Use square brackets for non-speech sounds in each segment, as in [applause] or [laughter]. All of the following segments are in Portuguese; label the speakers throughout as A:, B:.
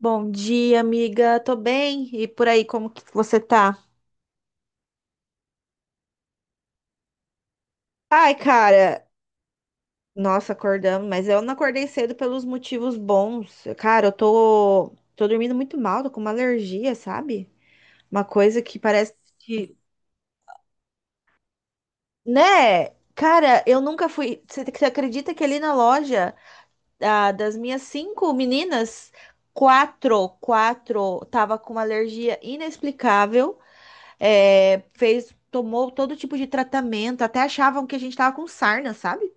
A: Bom dia, amiga. Tô bem. E por aí, como que você tá? Ai, cara, nossa, acordamos, mas eu não acordei cedo pelos motivos bons. Cara, eu tô dormindo muito mal, tô com uma alergia, sabe? Uma coisa que parece que, né? Cara, eu nunca fui. Você acredita que ali na loja das minhas cinco meninas, quatro tava com uma alergia inexplicável. É, fez, tomou todo tipo de tratamento, até achavam que a gente tava com sarna, sabe?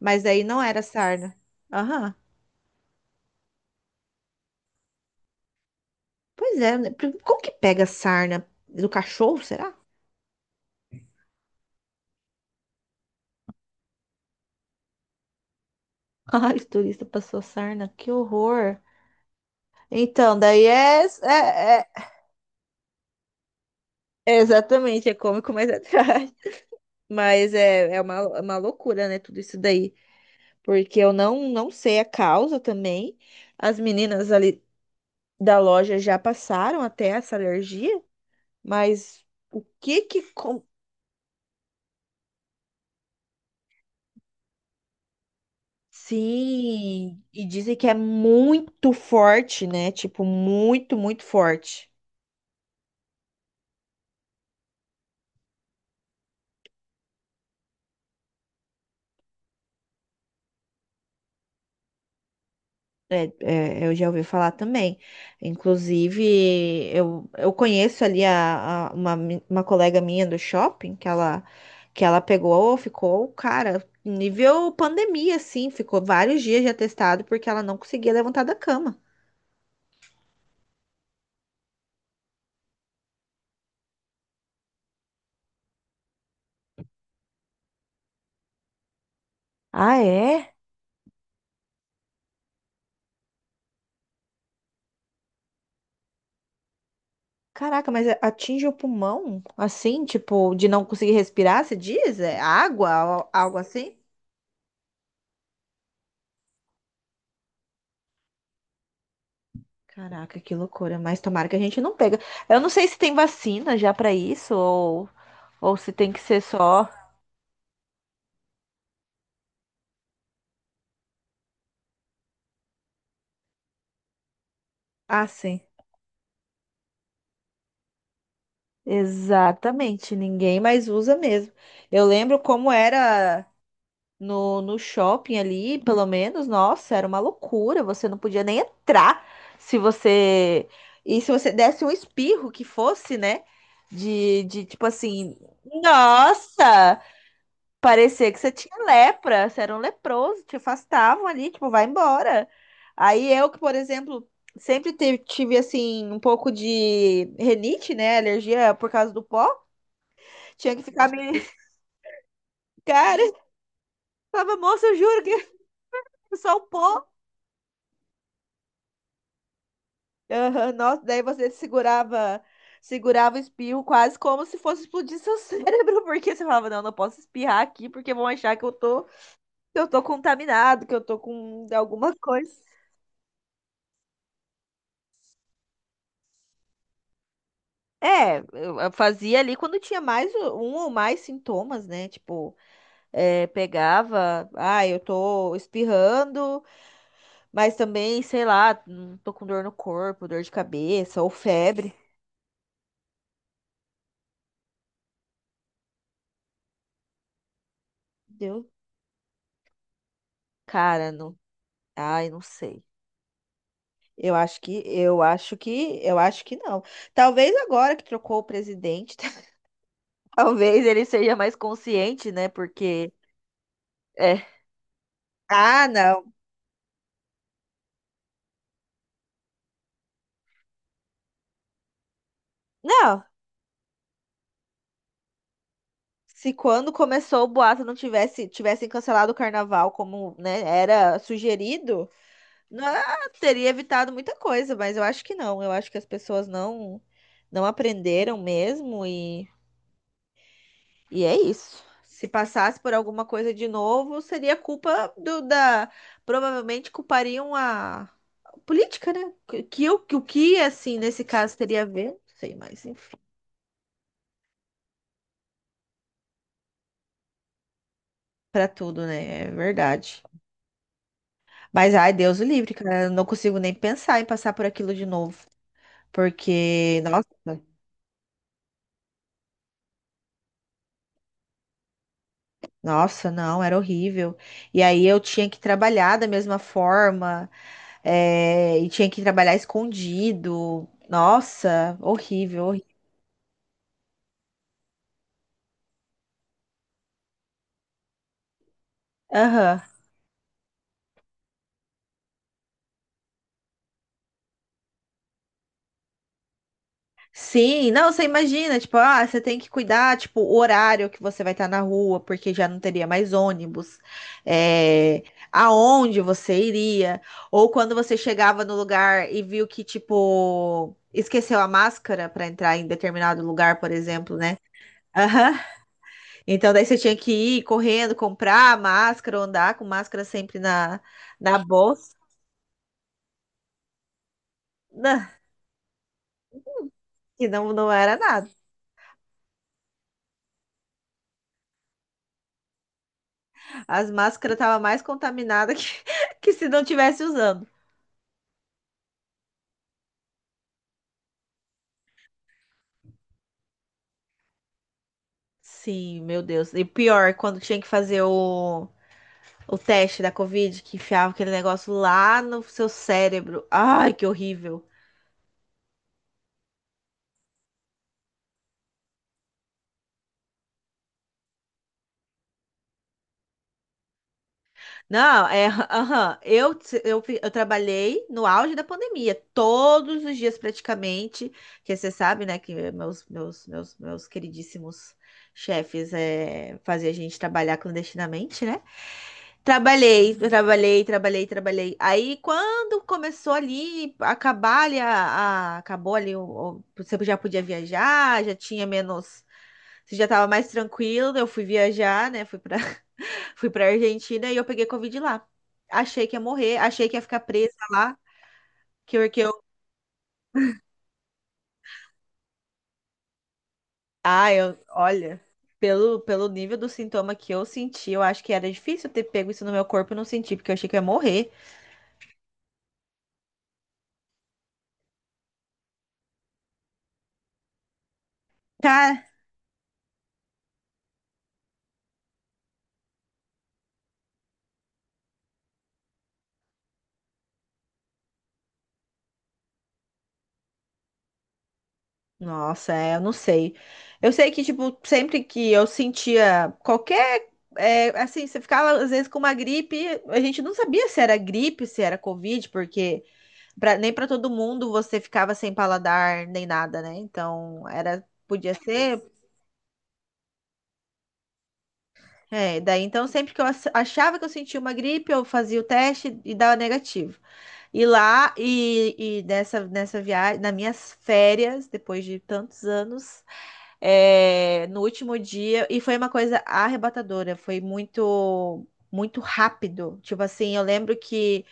A: Mas aí não era sarna. Aham. Pois é, né? Como que pega sarna? Do cachorro, será? [laughs] Ai, o turista passou sarna, que horror. Então, daí é exatamente, é cômico, mas é [laughs] trágico. Mas é uma loucura, né, tudo isso daí. Porque eu não sei a causa também. As meninas ali da loja já passaram até essa alergia. Mas o que que. Sim, e dizem que é muito forte, né? Tipo, muito, muito forte. É, eu já ouvi falar também. Inclusive, eu conheço ali uma colega minha do shopping que ela pegou, ficou, cara, nível pandemia, assim, ficou vários dias já testado porque ela não conseguia levantar da cama. Ah, é? Caraca, mas atinge o pulmão? Assim, tipo, de não conseguir respirar, você diz? É água, algo assim? Caraca, que loucura. Mas tomara que a gente não pega. Eu não sei se tem vacina já pra isso ou se tem que ser só. Ah, sim. Exatamente, ninguém mais usa mesmo. Eu lembro como era no shopping ali, pelo menos, nossa, era uma loucura. Você não podia nem entrar se você. E se você desse um espirro que fosse, né? De, tipo assim, nossa! Parecia que você tinha lepra, você era um leproso, te afastavam ali, tipo, vai embora. Aí eu que, por exemplo, sempre tive assim, um pouco de renite, né? Alergia por causa do pó, tinha que ficar me. [laughs] Cara, eu falava, moça, eu juro que [laughs] é só o pó. Aham, nossa, daí você segurava o espirro quase como se fosse explodir seu cérebro, [laughs] porque você falava, não, não posso espirrar aqui, porque vão achar que eu tô, contaminado, que eu tô com alguma coisa. É, eu fazia ali quando tinha mais um ou mais sintomas, né? Tipo, é, pegava, ah, eu tô espirrando, mas também, sei lá, tô com dor no corpo, dor de cabeça ou febre. Entendeu? Cara, não, ai, não sei. Eu acho que não. Talvez agora que trocou o presidente, [laughs] talvez ele seja mais consciente, né? Porque é. Ah, não. Não. Se quando começou o boato não tivessem cancelado o carnaval como, né, era sugerido, não, teria evitado muita coisa, mas eu acho que não. Eu acho que as pessoas não aprenderam mesmo. E é isso. Se passasse por alguma coisa de novo, seria culpa do da. Provavelmente culpariam a política, né? Que o que, assim, nesse caso teria a ver? Não sei, mas enfim, pra tudo, né? É verdade. Mas, ai, Deus o livre, cara. Eu não consigo nem pensar em passar por aquilo de novo. Porque, nossa, nossa, não, era horrível. E aí eu tinha que trabalhar da mesma forma. É, e tinha que trabalhar escondido. Nossa, horrível. Aham. Sim, não, você imagina, tipo, ah, você tem que cuidar, tipo, o horário que você vai estar na rua, porque já não teria mais ônibus, é, aonde você iria, ou quando você chegava no lugar e viu que, tipo, esqueceu a máscara para entrar em determinado lugar, por exemplo, né? Aham. Então daí você tinha que ir correndo, comprar a máscara, ou andar com máscara sempre na, na bolsa. [laughs] Não, que não, não era nada. As máscaras estavam mais contaminadas que, [laughs] que se não tivesse usando. Sim, meu Deus. E pior, quando tinha que fazer o teste da Covid, que enfiava aquele negócio lá no seu cérebro. Ai, que horrível. Não, é. Aham. Eu, eu trabalhei no auge da pandemia, todos os dias praticamente. Que você sabe, né, que meus queridíssimos chefes faziam a gente trabalhar clandestinamente, né? Trabalhei, trabalhei, trabalhei, trabalhei. Aí quando começou ali, acabar ali, acabou ali, você já podia viajar, já tinha menos, você já estava mais tranquilo. Eu fui viajar, né? Fui para [laughs] fui para Argentina e eu peguei Covid lá. Achei que ia morrer, achei que ia ficar presa lá, que eu, ah, eu, olha, pelo nível do sintoma que eu senti, eu acho que era difícil ter pego isso no meu corpo e não sentir, porque eu achei que eu ia morrer. Tá. Nossa, é, eu não sei. Eu sei que, tipo, sempre que eu sentia qualquer. É, assim, você ficava às vezes com uma gripe, a gente não sabia se era gripe, se era Covid, porque nem para todo mundo você ficava sem paladar nem nada, né? Então, era, podia ser. É, daí então, sempre que eu achava que eu sentia uma gripe, eu fazia o teste e dava negativo. E lá, e nessa viagem, nas minhas férias, depois de tantos anos. É, no último dia e foi uma coisa arrebatadora, foi muito muito rápido. Tipo assim, eu lembro que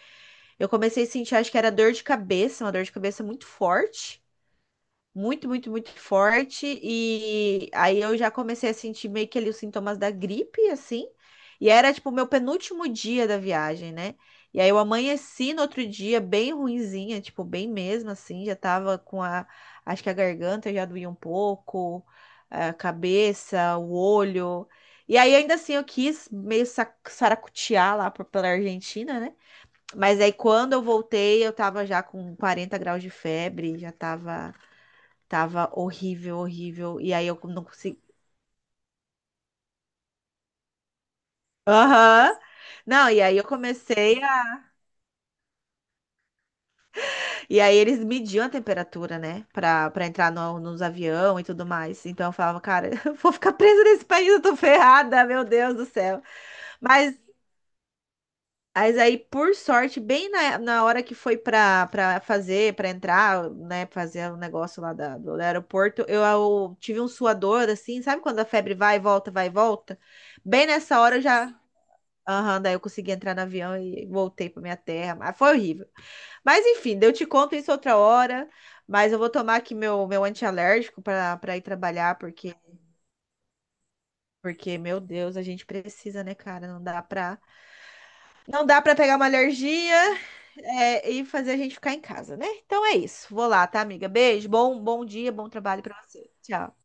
A: eu comecei a sentir, acho que era dor de cabeça, uma dor de cabeça muito forte muito, muito, muito forte. E aí eu já comecei a sentir meio que ali os sintomas da gripe, assim. E era tipo o meu penúltimo dia da viagem, né? E aí eu amanheci no outro dia bem ruinzinha, tipo, bem mesmo, assim. Já tava com a. Acho que a garganta já doía um pouco, a cabeça, o olho. E aí, ainda assim, eu quis meio saracotear lá pela Argentina, né? Mas aí, quando eu voltei, eu tava já com 40 graus de febre, já tava. Tava horrível, horrível. E aí eu não consegui. Aham. Não, e aí eu comecei a. E aí eles mediam a temperatura, né? Pra entrar no, nos avião e tudo mais. Então eu falava, cara, [laughs] eu vou ficar presa nesse país, eu tô ferrada, meu Deus do céu. Mas, mas, aí, por sorte, bem na hora que foi pra fazer, pra entrar, né? Fazer o negócio lá do aeroporto, eu tive um suador, assim, sabe quando a febre vai e volta, vai e volta? Bem nessa hora eu já. Aham, daí eu consegui entrar no avião e voltei para minha terra. Mas foi horrível. Mas enfim, daí eu te conto isso outra hora. Mas eu vou tomar aqui meu antialérgico para ir trabalhar, porque, porque, meu Deus, a gente precisa, né, cara? Não dá pra pegar uma alergia, é, e fazer a gente ficar em casa, né? Então é isso. Vou lá, tá, amiga? Beijo, bom dia, bom trabalho para você. Tchau.